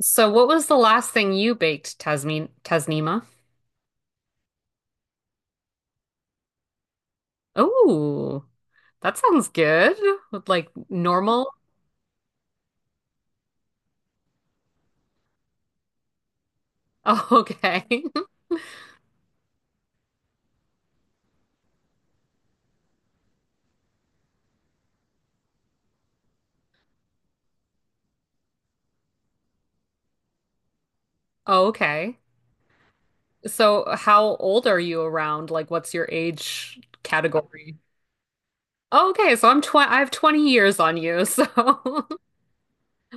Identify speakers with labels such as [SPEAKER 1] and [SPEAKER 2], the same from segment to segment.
[SPEAKER 1] So, what was the last thing you baked, Tasmin Tasnima? Oh, that sounds good. With like normal. Oh, okay. okay. So, how old are you around? Like, what's your age category? Oh, okay, so I have 20 years on you, so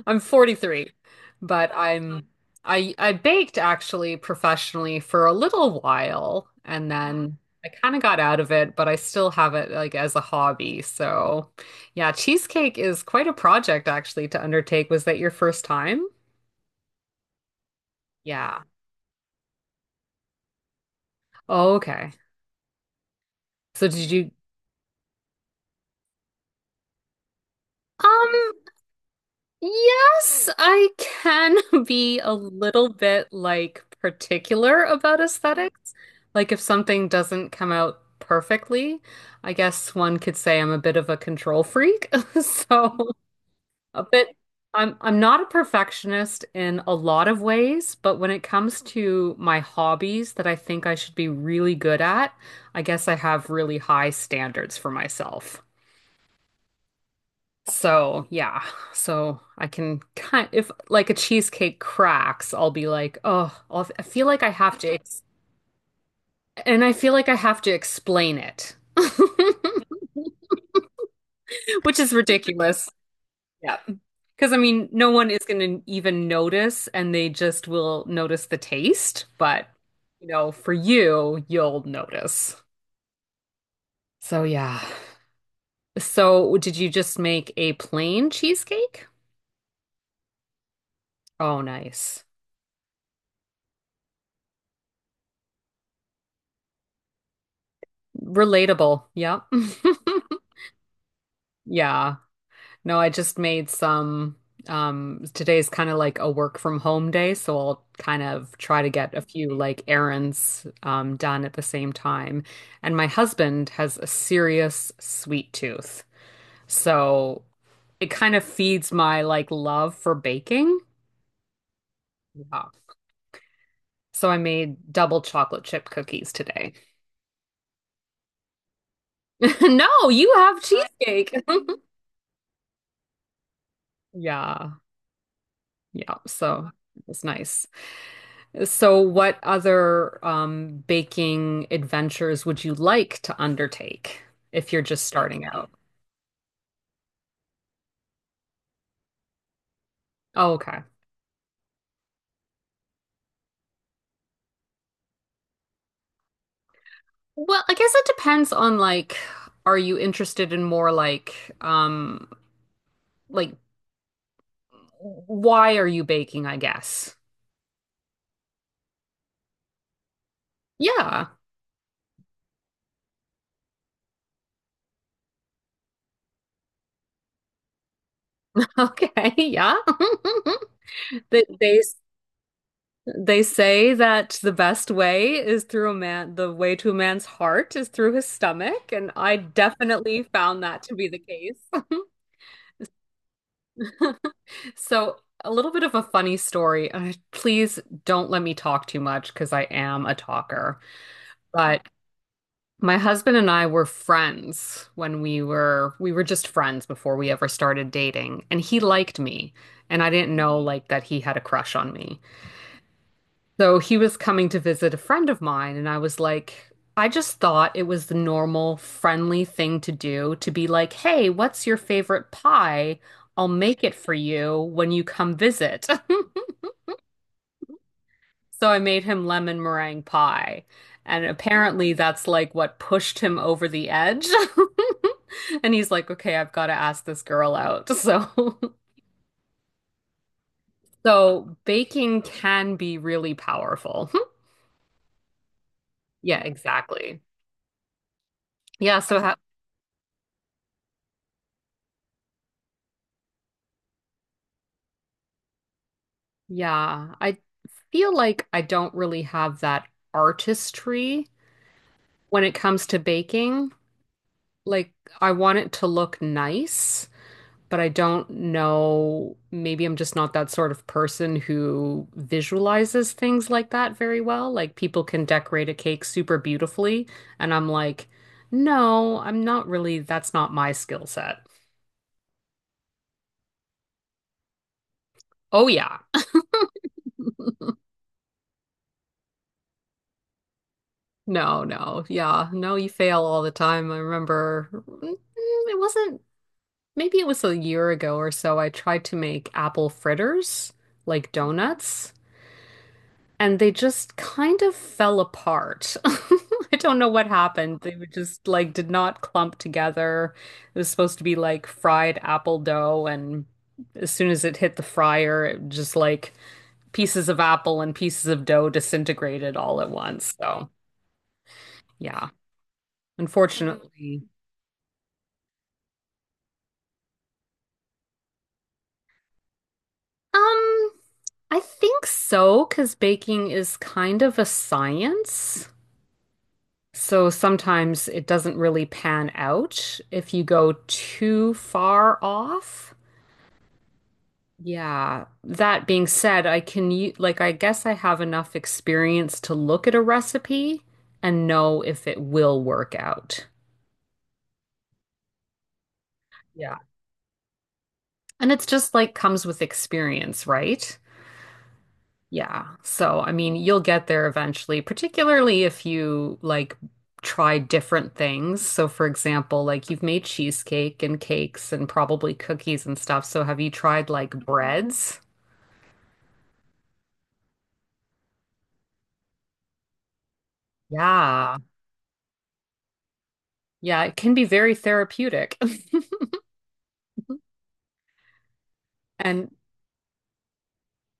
[SPEAKER 1] I'm 43, but I baked actually professionally for a little while and then I kind of got out of it, but I still have it like as a hobby. So, yeah, cheesecake is quite a project actually to undertake. Was that your first time? Yeah. Oh, okay. So did you um Yes, I can be a little bit like particular about aesthetics. Like if something doesn't come out perfectly, I guess one could say I'm a bit of a control freak. So a bit I'm not a perfectionist in a lot of ways, but when it comes to my hobbies that I think I should be really good at, I guess I have really high standards for myself. So yeah, so I can kind if like a cheesecake cracks, I'll be like, oh, I feel like I have to, ex and I feel like I have to explain it, which is ridiculous. Yeah, because I mean, no one is going to even notice, and they just will notice the taste. But you know, for you, you'll notice. So yeah. So did you just make a plain cheesecake? Oh, nice. Relatable. Yep. Yeah. No, I just made some. Today's kind of like a work from home day, so I'll kind of try to get a few like errands done at the same time. And my husband has a serious sweet tooth, so it kind of feeds my like love for baking. Yeah. So I made double chocolate chip cookies today. No, you have cheesecake. Yeah. Yeah. So it was nice. So, what other baking adventures would you like to undertake if you're just starting out? Oh, okay. Well, I guess it depends on like, are you interested in more um, like why are you baking, I guess. Yeah. Okay. Yeah. They they say that the best way is through a man, the way to a man's heart is through his stomach, and I definitely found that to be the case. So, a little bit of a funny story. Please don't let me talk too much because I am a talker. But my husband and I were friends when we were just friends before we ever started dating, and he liked me, and I didn't know like that he had a crush on me. So he was coming to visit a friend of mine, and I was like, I just thought it was the normal, friendly thing to do to be like, "Hey, what's your favorite pie? I'll make it for you when you come visit." So I made him lemon meringue pie. And apparently that's like what pushed him over the edge. And he's like, okay, I've got to ask this girl out. So, so baking can be really powerful. Yeah, exactly. Yeah. So, ha yeah, I feel like I don't really have that artistry when it comes to baking. Like, I want it to look nice, but I don't know. Maybe I'm just not that sort of person who visualizes things like that very well. Like people can decorate a cake super beautifully, and I'm like, no, I'm not really, that's not my skill set. Oh, yeah. No, no. Yeah. No, you fail all the time. I remember mm, it wasn't, maybe it was a year ago or so. I tried to make apple fritters, like donuts, and they just kind of fell apart. I don't know what happened. They were just like did not clump together. It was supposed to be like fried apple dough, and as soon as it hit the fryer, it just like pieces of apple and pieces of dough disintegrated all at once. So, yeah, unfortunately. Um, I think so, because baking is kind of a science. So sometimes it doesn't really pan out if you go too far off. Yeah. That being said, I can like I guess I have enough experience to look at a recipe and know if it will work out. Yeah. And it's just like comes with experience, right? Yeah. So, I mean, you'll get there eventually, particularly if you like try different things. So, for example, like you've made cheesecake and cakes and probably cookies and stuff. So, have you tried like breads? Yeah. Yeah, it can be very therapeutic. And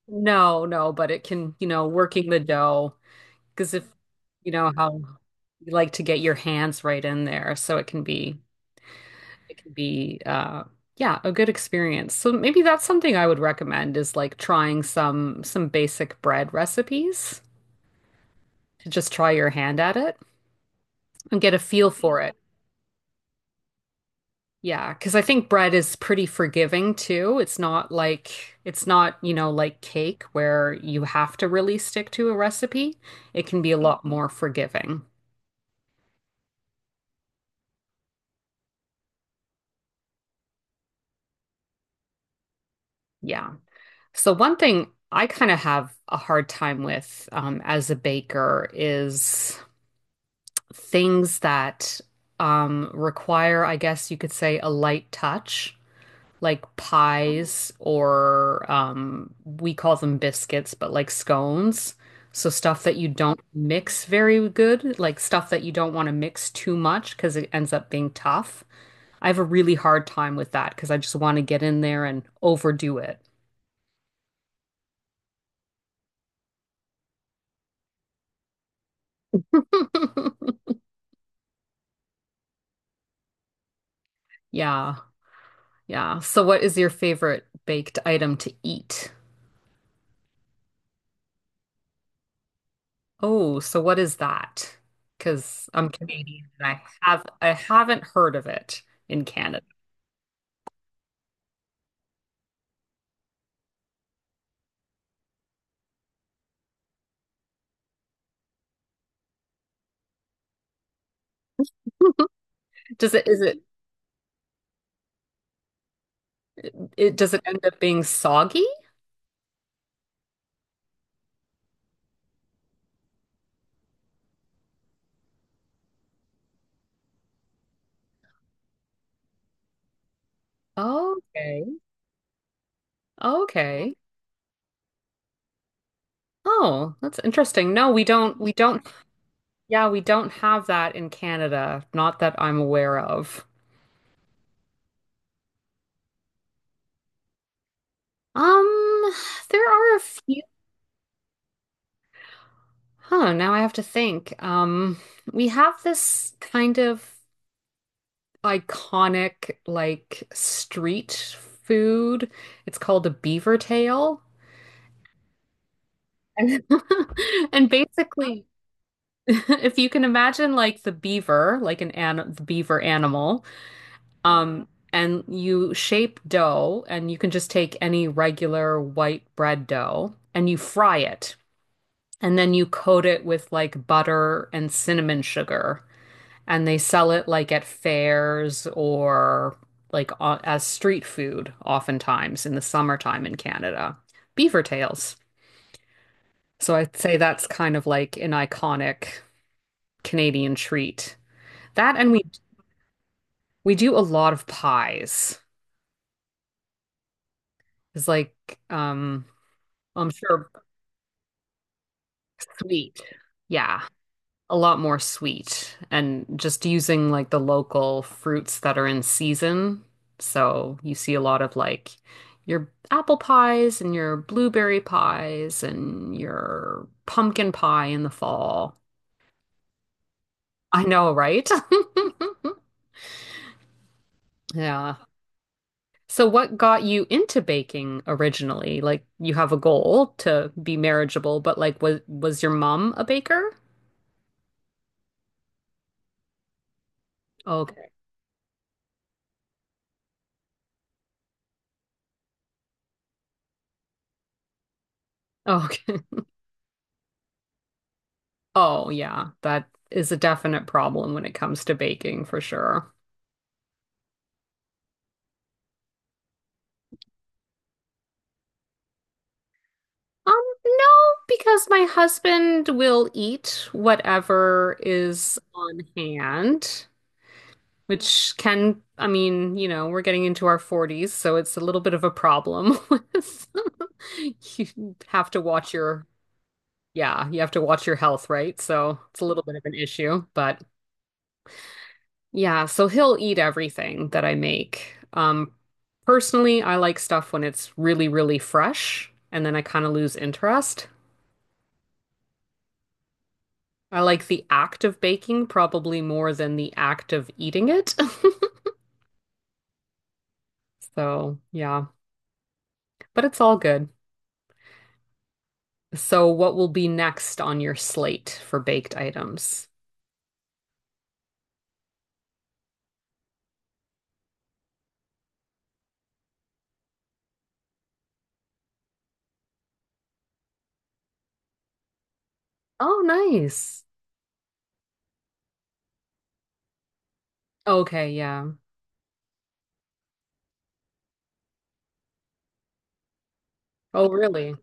[SPEAKER 1] no, no, but it can, you know, working the dough, because if you know how you like to get your hands right in there, so it can be yeah, a good experience. So maybe that's something I would recommend is like trying some basic bread recipes to just try your hand at it and get a feel for it. Yeah, because I think bread is pretty forgiving too. It's not, you know, like cake where you have to really stick to a recipe. It can be a lot more forgiving. Yeah. So one thing I kind of have a hard time with as a baker is things that require, I guess you could say, a light touch, like pies or we call them biscuits, but like scones. So stuff that you don't mix very good, like stuff that you don't want to mix too much because it ends up being tough. I have a really hard time with that because I just want to get in there and overdo it. Yeah, yeah. So what is your favorite baked item to eat? Oh, so what is that? Because I'm Canadian and I haven't heard of it in Canada. Does it is it it does it end up being soggy? Okay. Okay. Oh, that's interesting. No, we don't, yeah, we don't have that in Canada, not that I'm aware of. Um, there are a few. Huh, now I have to think. We have this kind of iconic like street food. It's called a beaver tail. And, basically, if you can imagine like the beaver, like an the beaver animal, um, and you shape dough, and you can just take any regular white bread dough and you fry it, and then you coat it with like butter and cinnamon sugar. And they sell it like at fairs or like as street food, oftentimes in the summertime in Canada. Beaver tails. So I'd say that's kind of like an iconic Canadian treat. That, and we do a lot of pies. It's like um I'm sure sweet. Yeah. A lot more sweet and just using like the local fruits that are in season. So you see a lot of like your apple pies and your blueberry pies and your pumpkin pie in the fall. I know, right? Yeah. So what got you into baking originally? Like you have a goal to be marriageable, but like was your mom a baker? Okay. Okay. Oh, yeah, that is a definite problem when it comes to baking for sure. Um, no, because my husband will eat whatever is on hand, which can, I mean, you know, we're getting into our 40s, so it's a little bit of a problem with you have to watch your, yeah, you have to watch your health, right? So it's a little bit of an issue, but yeah, so he'll eat everything that I make. Personally, I like stuff when it's really, really fresh, and then I kind of lose interest. I like the act of baking probably more than the act of eating it. So, yeah, but it's all good. So, what will be next on your slate for baked items? Oh, nice. Okay, yeah. Oh, really?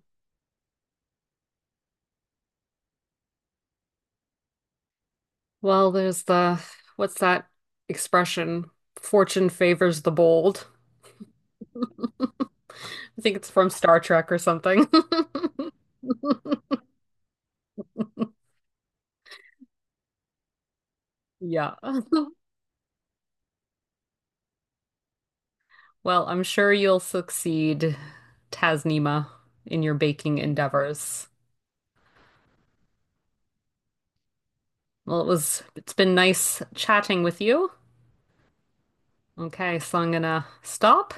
[SPEAKER 1] Well, what's that expression? Fortune favors the bold. I think it's from Star Trek or something. Yeah. Well, I'm sure you'll succeed, Tasnima, in your baking endeavors. Well, it's been nice chatting with you. Okay, so I'm gonna stop